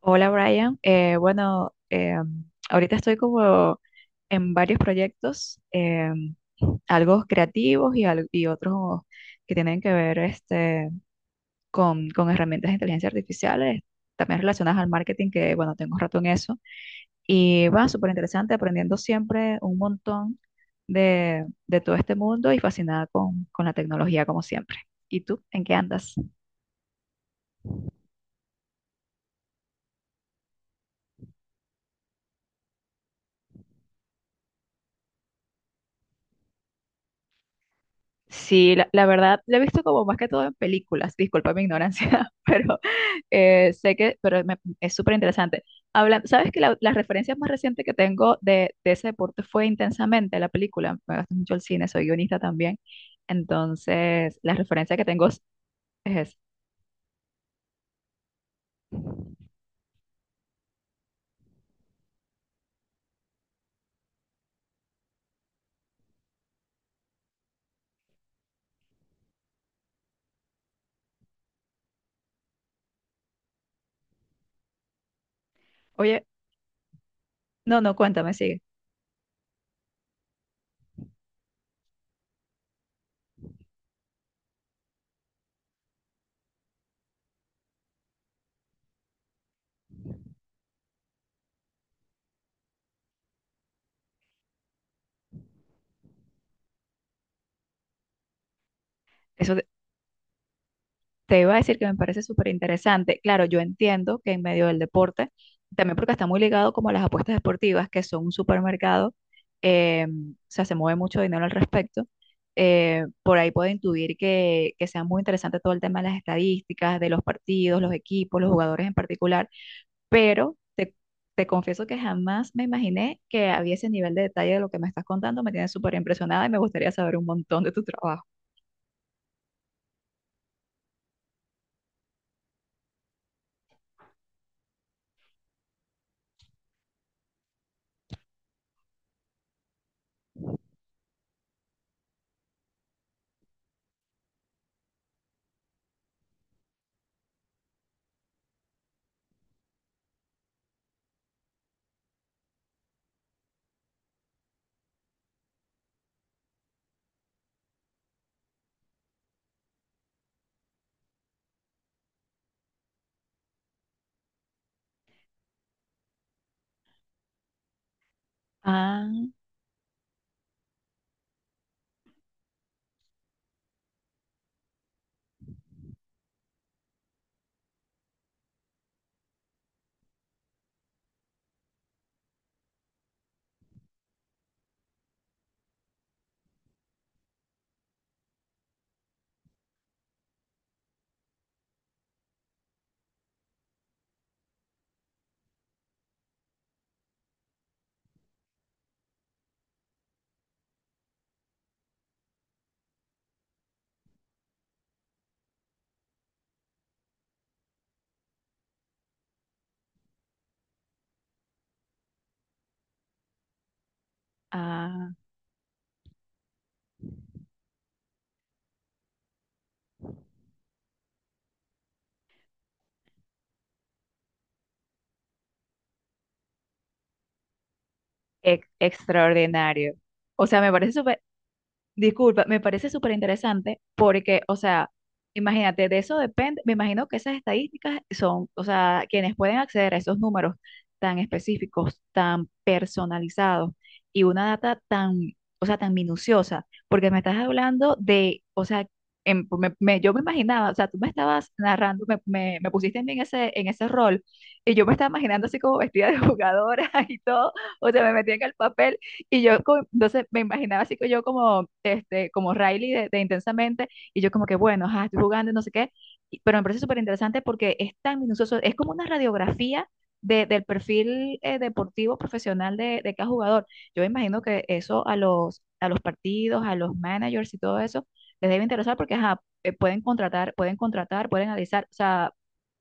Hola Brian. Ahorita estoy como en varios proyectos, algo creativos y otros que tienen que ver con herramientas de inteligencia artificial, también relacionadas al marketing, que bueno, tengo rato en eso. Y va súper interesante, aprendiendo siempre un montón de todo este mundo y fascinada con la tecnología como siempre. ¿Y tú, en qué andas? Sí, la verdad, lo he visto como más que todo en películas, disculpa mi ignorancia, pero sé que, pero me- es súper interesante. Habla, ¿sabes que las referencias más reciente que tengo de ese deporte fue Intensamente, la película? Me gusta mucho el cine, soy guionista también, entonces la referencia que tengo esa. Oye, no, no, cuéntame, sigue. Eso. Te iba a decir que me parece súper interesante. Claro, yo entiendo que en medio del deporte, también porque está muy ligado como a las apuestas deportivas, que son un supermercado, o sea, se mueve mucho dinero al respecto. Eh, por ahí puedo intuir que sea muy interesante todo el tema de las estadísticas, de los partidos, los equipos, los jugadores en particular, pero te, te confieso que jamás me imaginé que había ese nivel de detalle de lo que me estás contando. Me tienes súper impresionada y me gustaría saber un montón de tu trabajo. Ah, ah. Extraordinario. O sea, me parece súper. Disculpa, me parece súper interesante porque, o sea, imagínate, de eso depende, me imagino que esas estadísticas son, o sea, quienes pueden acceder a esos números tan específicos, tan personalizados y una data tan, o sea, tan minuciosa, porque me estás hablando de, o sea, yo me imaginaba, o sea, tú me estabas narrando, me pusiste en ese rol y yo me estaba imaginando así como vestida de jugadora y todo, o sea, me metí en el papel y yo, entonces me imaginaba así que yo como, este, como Riley de Intensamente, y yo como que, bueno, ajá, estoy jugando, y no sé qué, pero me parece súper interesante porque es tan minucioso, es como una radiografía del perfil deportivo profesional de cada jugador. Yo me imagino que eso a los partidos, a los managers y todo eso, les debe interesar porque ajá, pueden contratar, pueden contratar, pueden analizar, o sea,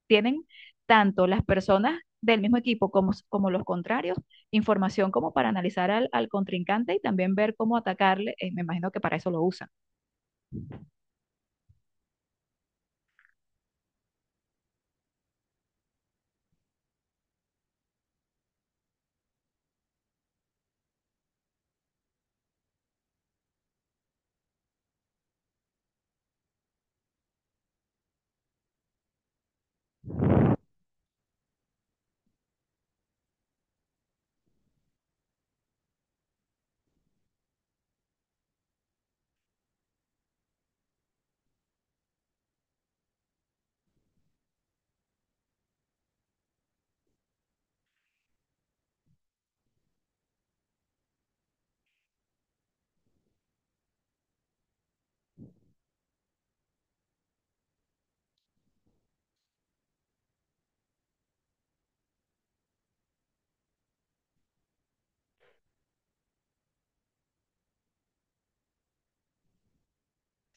tienen tanto las personas del mismo equipo como, como los contrarios, información como para analizar al, al contrincante y también ver cómo atacarle. Me imagino que para eso lo usan.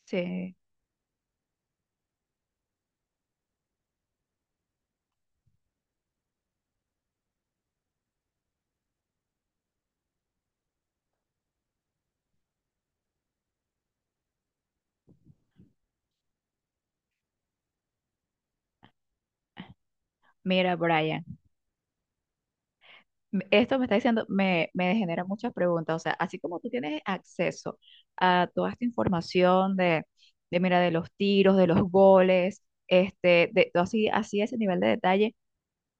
Sí. Mira, Brian, esto me está diciendo, me genera muchas preguntas. O sea, así como tú tienes acceso a toda esta información de mira, de los tiros, de los goles, este, de todo así, así ese nivel de detalle,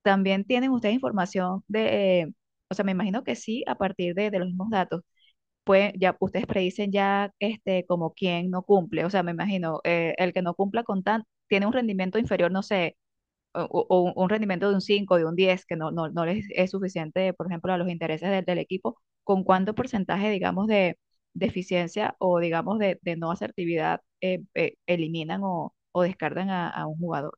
también tienen ustedes información de, o sea, me imagino que sí, a partir de los mismos datos pues ya ustedes predicen ya este, como quién no cumple. O sea, me imagino, el que no cumpla tiene un rendimiento inferior, no sé, o un rendimiento de un 5 de un 10 que no, no, no les es suficiente, por ejemplo, a los intereses del, del equipo. ¿Con cuánto porcentaje, digamos, de deficiencia o, digamos, de no asertividad eliminan o descartan a un jugador?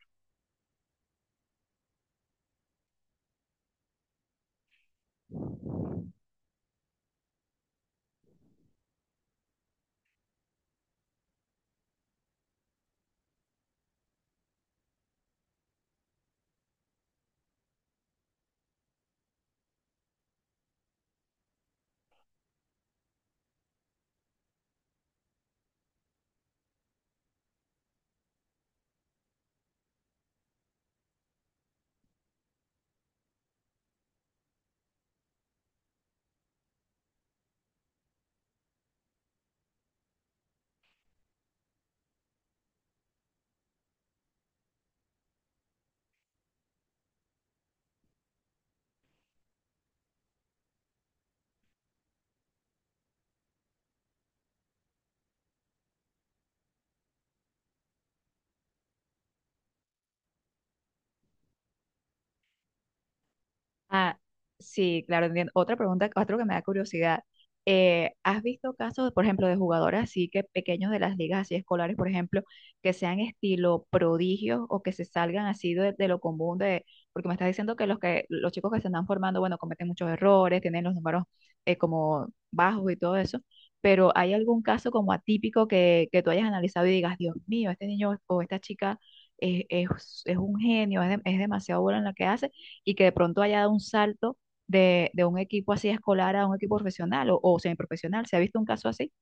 Ah, sí, claro, entiendo. Otra pregunta, otro que me da curiosidad. ¿Has visto casos, por ejemplo, de jugadores así que pequeños de las ligas así escolares, por ejemplo, que sean estilo prodigios o que se salgan así de lo común de, porque me estás diciendo que los chicos que se están formando, bueno, cometen muchos errores, tienen los números como bajos y todo eso, pero ¿hay algún caso como atípico que tú hayas analizado y digas, Dios mío, este niño o esta chica es un genio, es demasiado bueno en lo que hace? Y que de pronto haya dado un salto de un equipo así escolar a un equipo profesional o semiprofesional. ¿Se ha visto un caso así?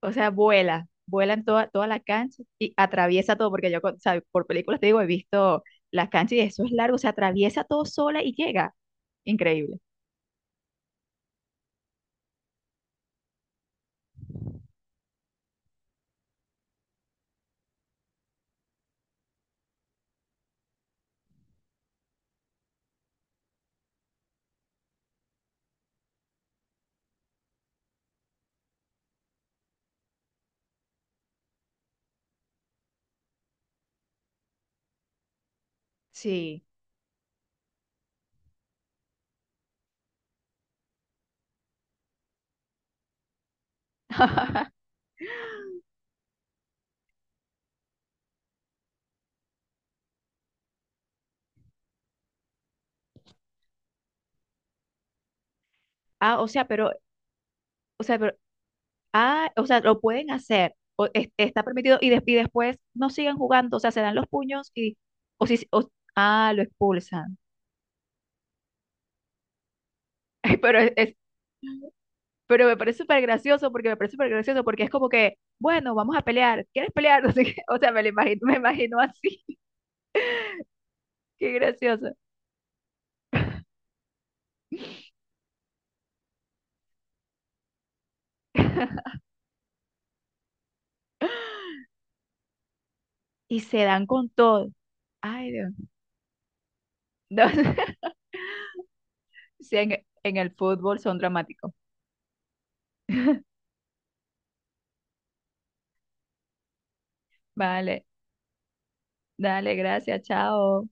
O sea, vuela, vuela en toda, toda la cancha y atraviesa todo, porque yo, o sea, por películas te digo, he visto las canchas y eso es largo, se atraviesa todo sola y llega. Increíble. Sí. Ah, o sea, pero, ah, o sea, lo pueden hacer, está permitido y, y después no siguen jugando, o sea, se dan los puños y, o si, o- ah, lo expulsan. Pero es, es- pero me parece súper gracioso porque me parece súper gracioso porque es como que, bueno, vamos a pelear, ¿quieres pelear? No sé qué. O sea, me lo imagino, me imagino así, qué gracioso. Y se dan con todo. Ay, Dios. No, sí, en el fútbol son dramáticos. Vale, dale, gracias, chao.